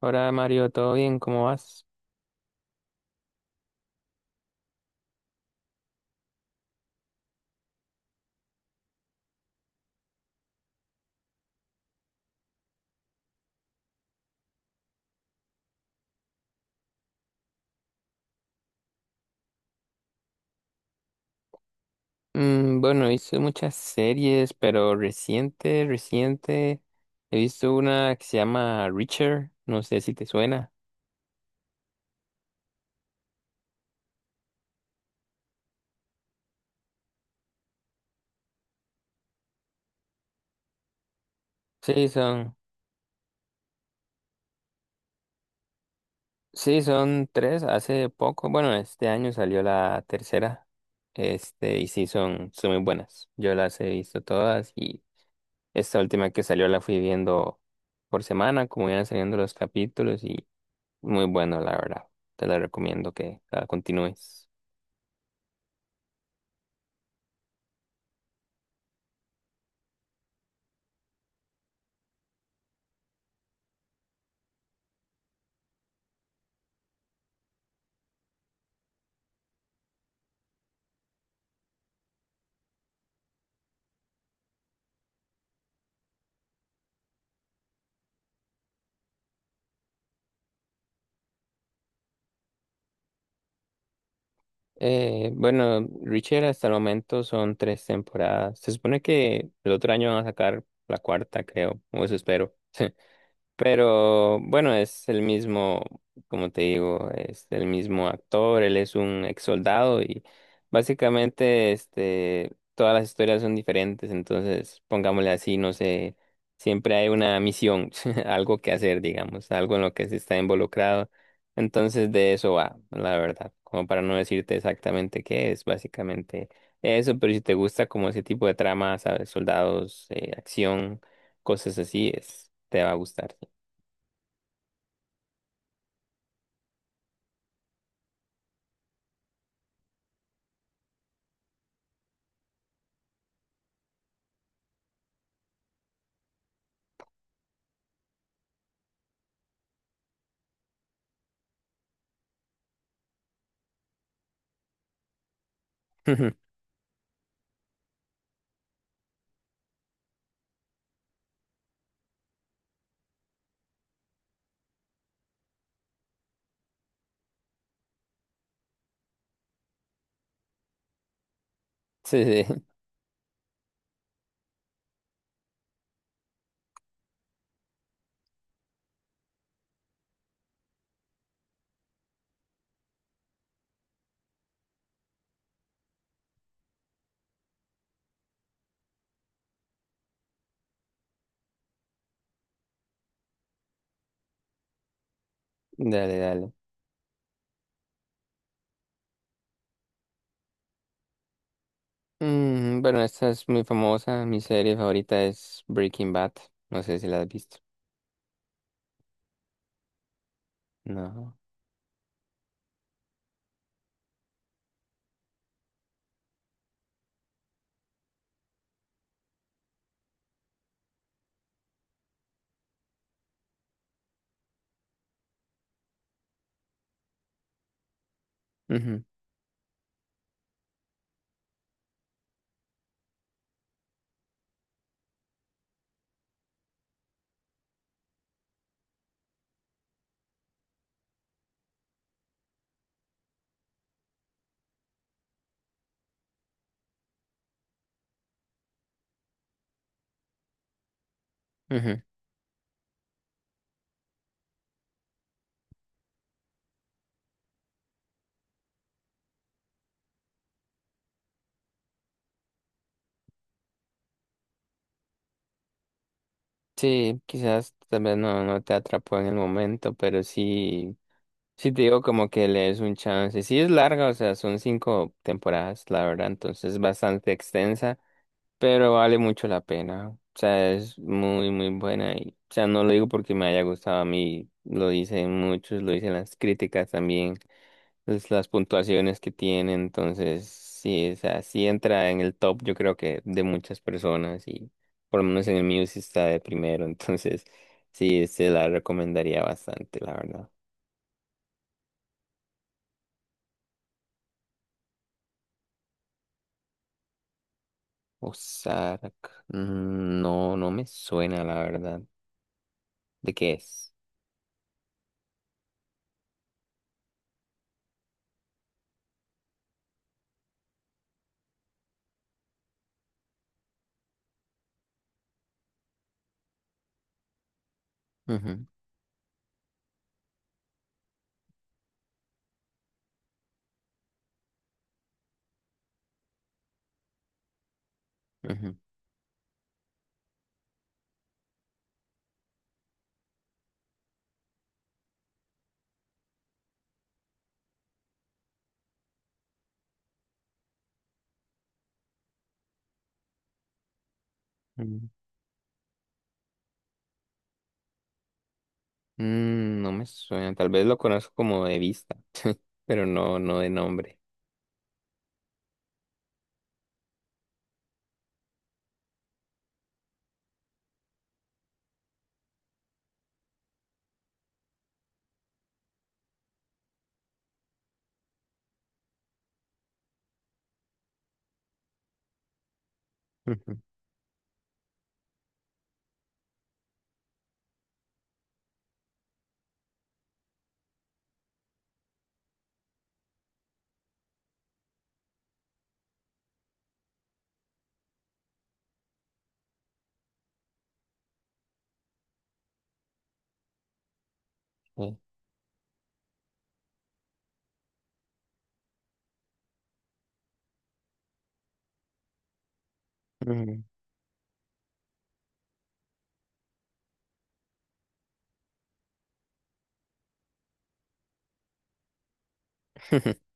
Hola Mario, ¿todo bien? ¿Cómo vas? Bueno, he visto muchas series, pero reciente, reciente, he visto una que se llama Reacher, no sé si te suena. Sí, son, sí, son 3, hace poco, bueno, este año salió la tercera, este, y son muy buenas. Yo las he visto todas y esta última que salió la fui viendo por semana, como iban saliendo los capítulos y muy bueno, la verdad. Te la recomiendo que la continúes. Bueno, Richard, hasta el momento son 3 temporadas. Se supone que el otro año van a sacar la cuarta, creo, o eso espero. Pero bueno, es el mismo, como te digo, es el mismo actor, él es un ex soldado y básicamente este, todas las historias son diferentes, entonces pongámosle así, no sé, siempre hay una misión, algo que hacer, digamos, algo en lo que se está involucrado, entonces de eso va, la verdad, como para no decirte exactamente qué es, básicamente eso, pero si te gusta como ese tipo de trama, sabes, soldados, acción, cosas así, es, te va a gustar. Ujú. Sí, sí, dale, dale. Bueno, esta es muy famosa. Mi serie favorita es Breaking Bad. No sé si la has visto. No. Ujú, ujú. Sí, quizás tal vez no, no te atrapó en el momento, pero sí, sí te digo como que le des un chance. Sí es larga, o sea, son 5 temporadas, la verdad, entonces es bastante extensa, pero vale mucho la pena. O sea, es muy, muy buena y, o sea, no lo digo porque me haya gustado a mí, lo dicen muchos, lo dicen las críticas también. Pues, las puntuaciones que tiene, entonces sí, o sea, sí entra en el top, yo creo que de muchas personas y por lo menos en el mío sí está de primero, entonces sí, se la recomendaría bastante, la verdad. Ozark, no, no me suena, la verdad. ¿De qué es? Ujú, ujú, ujú. No me suena, tal vez lo conozco como de vista, pero no, no de nombre. Ujú, sí. Ujú.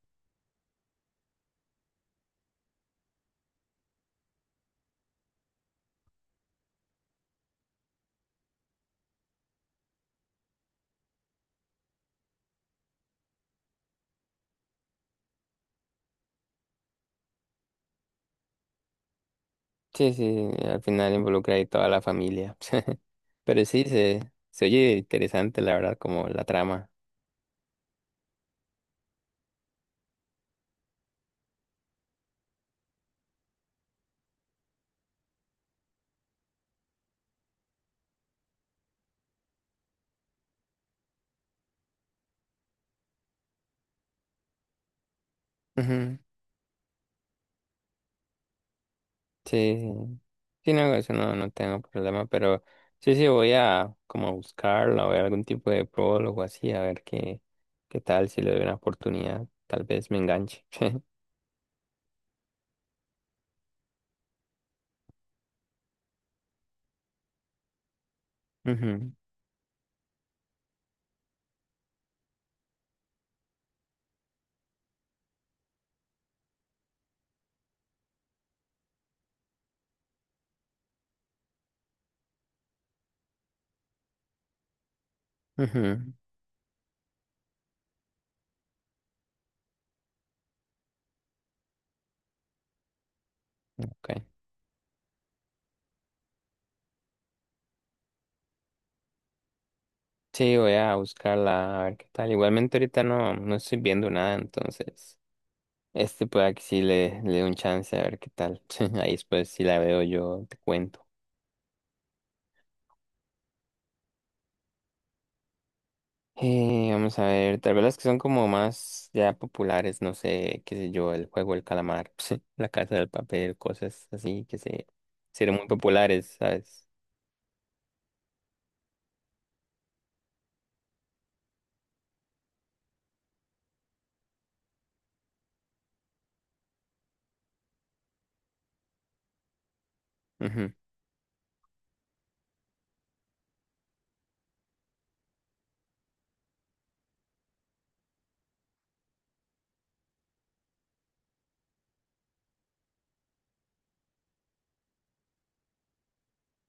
Sí, sí, al final involucra ahí toda la familia. Pero sí, se oye interesante, la verdad, como la trama. Ujú, sí, sí, sí, no, eso no, no tengo problema, pero sí, sí, voy a como buscarla, voy a algún tipo de prólogo así, a ver qué, qué tal, si le doy una oportunidad, tal vez me enganche. Ujú, ujú, okay. Sí, voy a buscarla, a ver qué tal. Igualmente ahorita no, no estoy viendo nada, entonces... Este pueda que sí le dé un chance a ver qué tal. Ahí después si la veo yo te cuento. Vamos a ver, tal vez las que son como más ya populares, no sé, qué sé yo, el juego del calamar, la casa del papel, cosas así que se hicieron muy populares, sabes. Ujú,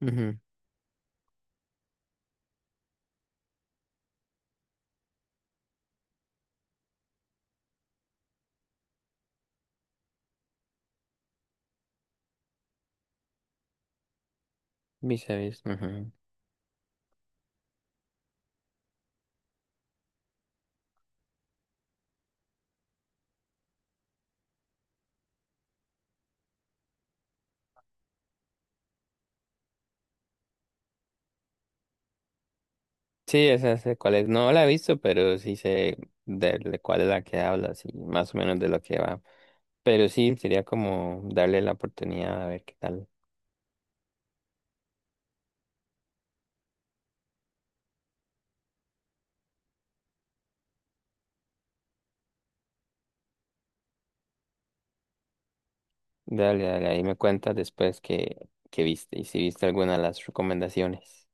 ujú, Vis a vis, ujú. Sí, esa sé cuál es. No la he visto, pero sí sé de cuál es la que hablas y más o menos de lo que va. Pero sí, sería como darle la oportunidad a ver qué tal. Dale, dale, ahí me cuentas después que viste y si viste alguna de las recomendaciones.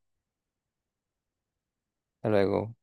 Hasta luego.